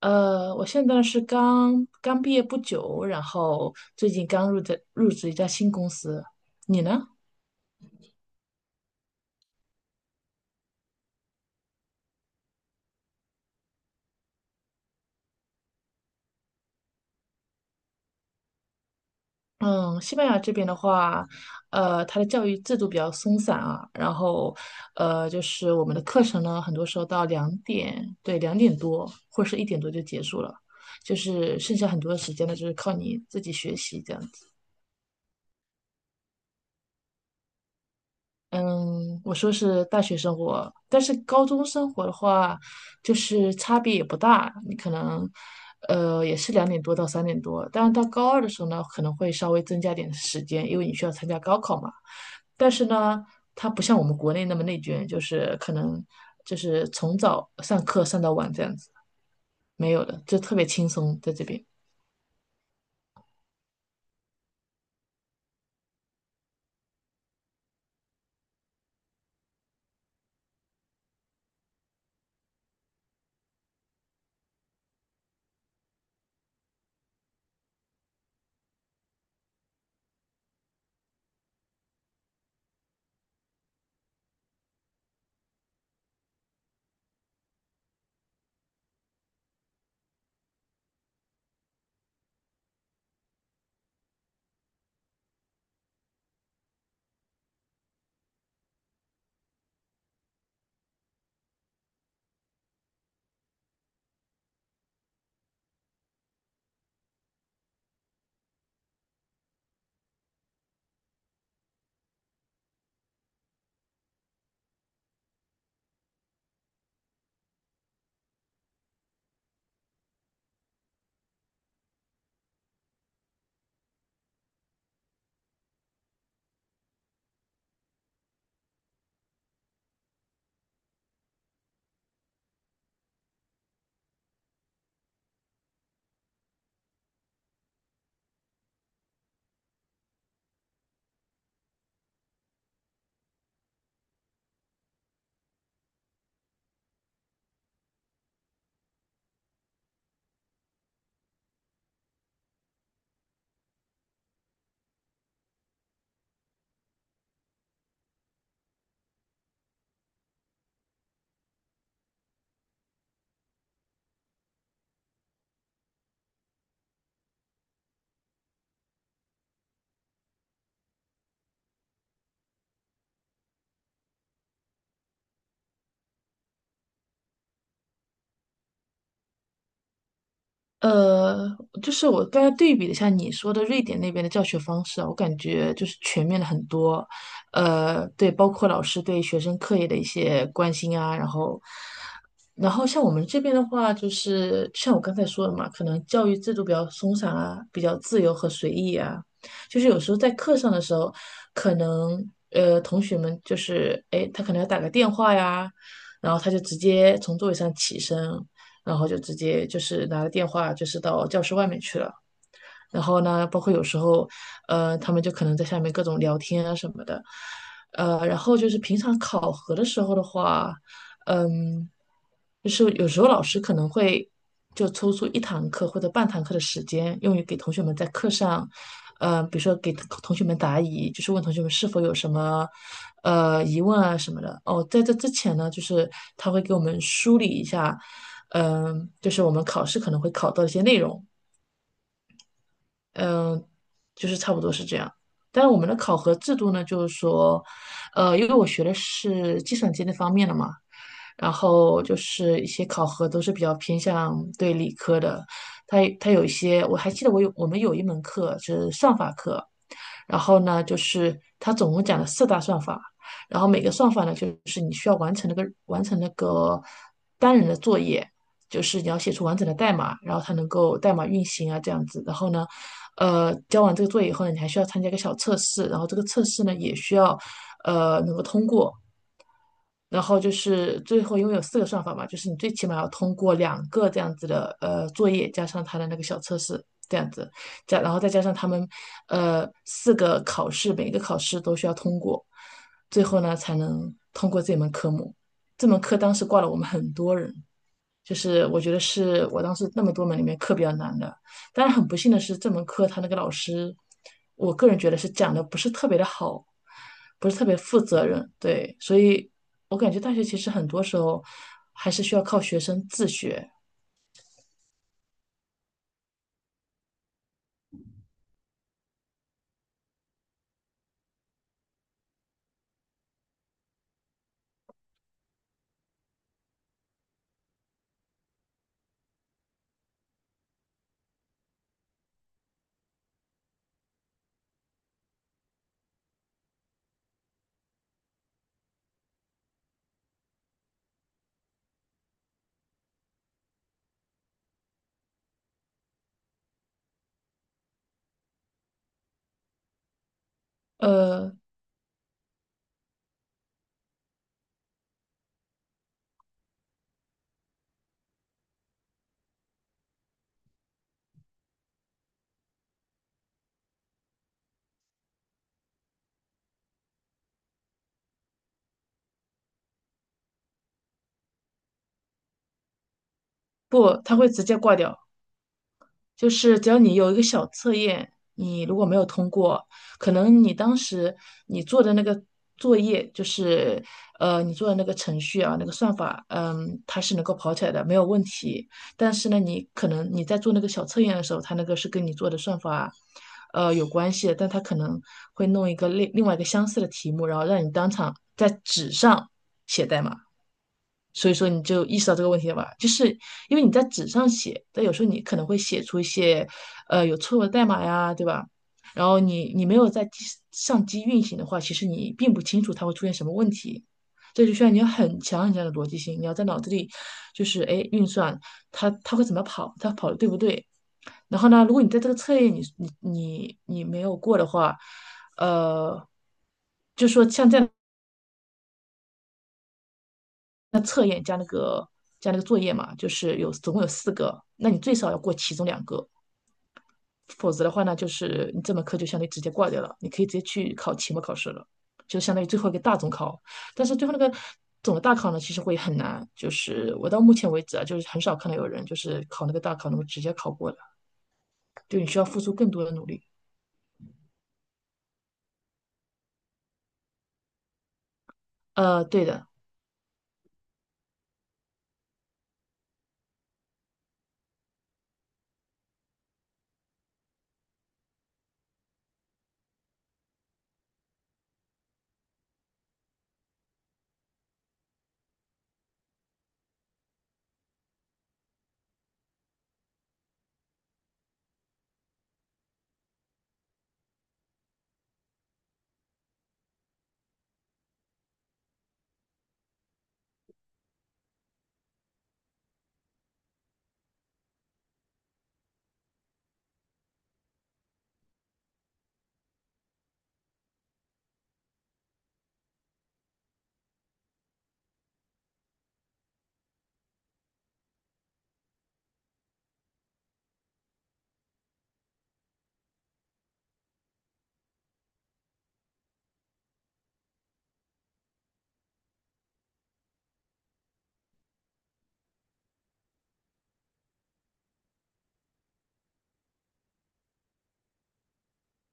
我现在是刚刚毕业不久，然后最近刚入职一家新公司。你呢？嗯，西班牙这边的话，它的教育制度比较松散啊，然后，就是我们的课程呢，很多时候到两点，对，两点多或者是一点多就结束了，就是剩下很多的时间呢，就是靠你自己学习这样子。嗯，我说是大学生活，但是高中生活的话，就是差别也不大。你可能，也是两点多到三点多，但是到高二的时候呢，可能会稍微增加点时间，因为你需要参加高考嘛。但是呢，它不像我们国内那么内卷，就是可能就是从早上课上到晚这样子，没有的，就特别轻松在这边。呃，就是我刚才对比了一下你说的瑞典那边的教学方式啊，我感觉就是全面了很多，对，包括老师对学生课业的一些关心啊，然后像我们这边的话，就是像我刚才说的嘛，可能教育制度比较松散啊，比较自由和随意啊。就是有时候在课上的时候，可能同学们就是哎，诶他可能要打个电话呀，然后他就直接从座位上起身，然后就直接就是拿着电话就是到教室外面去了。然后呢，包括有时候，他们就可能在下面各种聊天啊什么的，然后就是平常考核的时候的话，嗯，就是有时候老师可能会就抽出一堂课或者半堂课的时间，用于给同学们在课上，比如说给同学们答疑，就是问同学们是否有什么疑问啊什么的。哦，在这之前呢，就是他会给我们梳理一下，就是我们考试可能会考到一些内容。嗯，就是差不多是这样。但是我们的考核制度呢，就是说，因为我学的是计算机那方面的嘛，然后就是一些考核都是比较偏向对理科的。它有一些，我还记得我们有一门课是算法课，然后呢，就是它总共讲了四大算法，然后每个算法呢，就是你需要完成那个单人的作业。就是你要写出完整的代码，然后它能够代码运行啊这样子。然后呢，交完这个作业以后呢，你还需要参加一个小测试，然后这个测试呢也需要能够通过。然后就是最后，因为有四个算法嘛，就是你最起码要通过两个这样子的作业，加上它的那个小测试这样子，然后再加上他们四个考试，每一个考试都需要通过，最后呢才能通过这门科目。这门课当时挂了我们很多人。就是我觉得是我当时那么多门里面课比较难的。当然很不幸的是，这门课他那个老师，我个人觉得是讲的不是特别的好，不是特别负责任。对，所以我感觉大学其实很多时候还是需要靠学生自学。呃，不，他会直接挂掉。就是只要你有一个小测验，你如果没有通过，可能你当时你做的那个作业，就是你做的那个程序啊，那个算法，它是能够跑起来的，没有问题。但是呢，你可能你在做那个小测验的时候，它那个是跟你做的算法。有关系的，但它可能会弄一个另外一个相似的题目，然后让你当场在纸上写代码。所以说你就意识到这个问题了吧？就是因为你在纸上写，但有时候你可能会写出一些有错误的代码呀，对吧？然后你没有上机运行的话，其实你并不清楚它会出现什么问题。这就需要你有很强很强的逻辑性，你要在脑子里就是哎运算它会怎么跑，它跑的对不对？然后呢，如果你在这个测验你没有过的话，呃，就说像这样。那测验加那个作业嘛，就是有总共有四个，那你最少要过其中两个，否则的话呢，就是你这门课就相当于直接挂掉了，你可以直接去考期末考试了，就相当于最后一个大总考。但是最后那个总的大考呢，其实会很难，就是我到目前为止啊，就是很少看到有人就是考那个大考能够直接考过的，就你需要付出更多的努力。对的，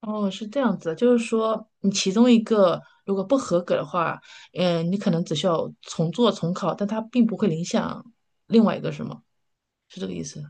哦，是这样子的，就是说你其中一个如果不合格的话，嗯，你可能只需要重做重考，但它并不会影响另外一个，是吗？是这个意思。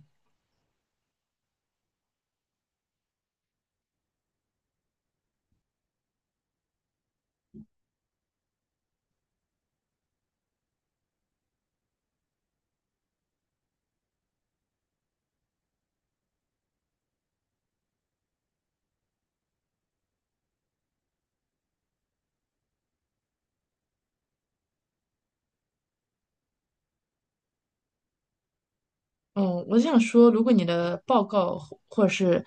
嗯，我想说，如果你的报告或或者是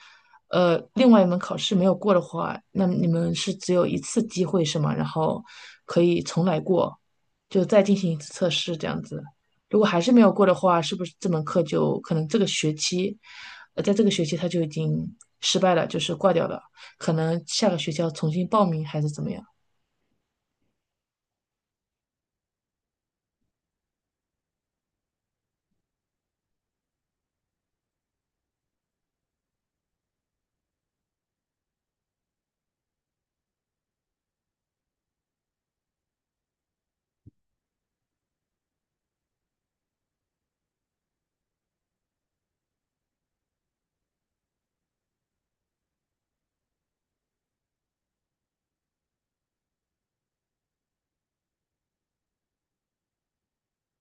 另外一门考试没有过的话，那你们是只有一次机会是吗？然后可以重来过，就再进行一次测试这样子。如果还是没有过的话，是不是这门课就可能这个学期，在这个学期它就已经失败了，就是挂掉了，可能下个学期要重新报名还是怎么样？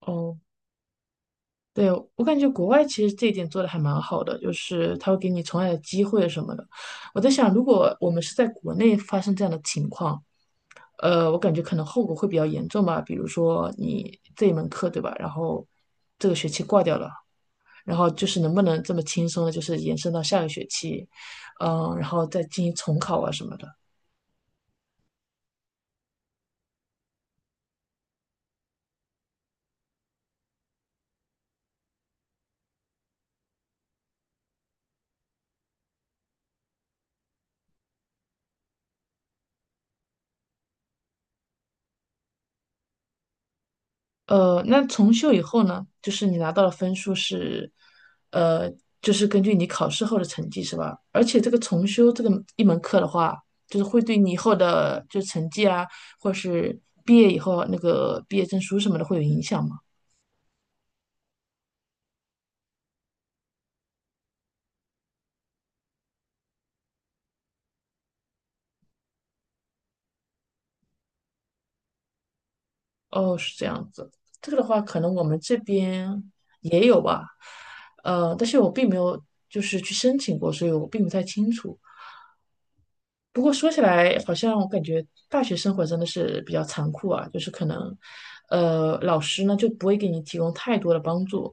哦，对，我感觉国外其实这一点做的还蛮好的，就是他会给你重来的机会什么的。我在想，如果我们是在国内发生这样的情况，我感觉可能后果会比较严重吧。比如说你这一门课，对吧？然后这个学期挂掉了，然后就是能不能这么轻松的，就是延伸到下个学期，然后再进行重考啊什么的。那重修以后呢，就是你拿到的分数是，呃，就是根据你考试后的成绩是吧？而且这个重修这个一门课的话，就是会对你以后的就成绩啊，或者是毕业以后那个毕业证书什么的会有影响吗？哦，是这样子。这个的话，可能我们这边也有吧，但是我并没有就是去申请过，所以我并不太清楚。不过说起来，好像我感觉大学生活真的是比较残酷啊，就是可能，老师呢就不会给你提供太多的帮助，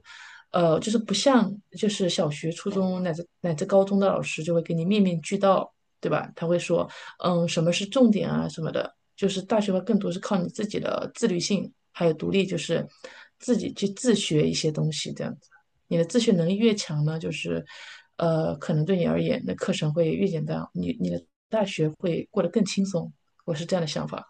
就是不像就是小学、初中乃至高中的老师就会给你面面俱到，对吧？他会说，什么是重点啊什么的，就是大学会更多是靠你自己的自律性还有独立，就是自己去自学一些东西这的。你的自学能力越强呢，就是可能对你而言，那课程会越简单，你的大学会过得更轻松。我是这样的想法。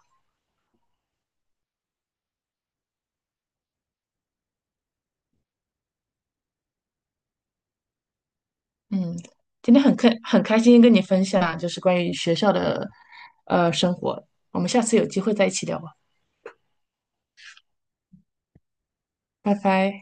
嗯，今天很开心跟你分享，就是关于学校的生活。我们下次有机会再一起聊吧，拜拜。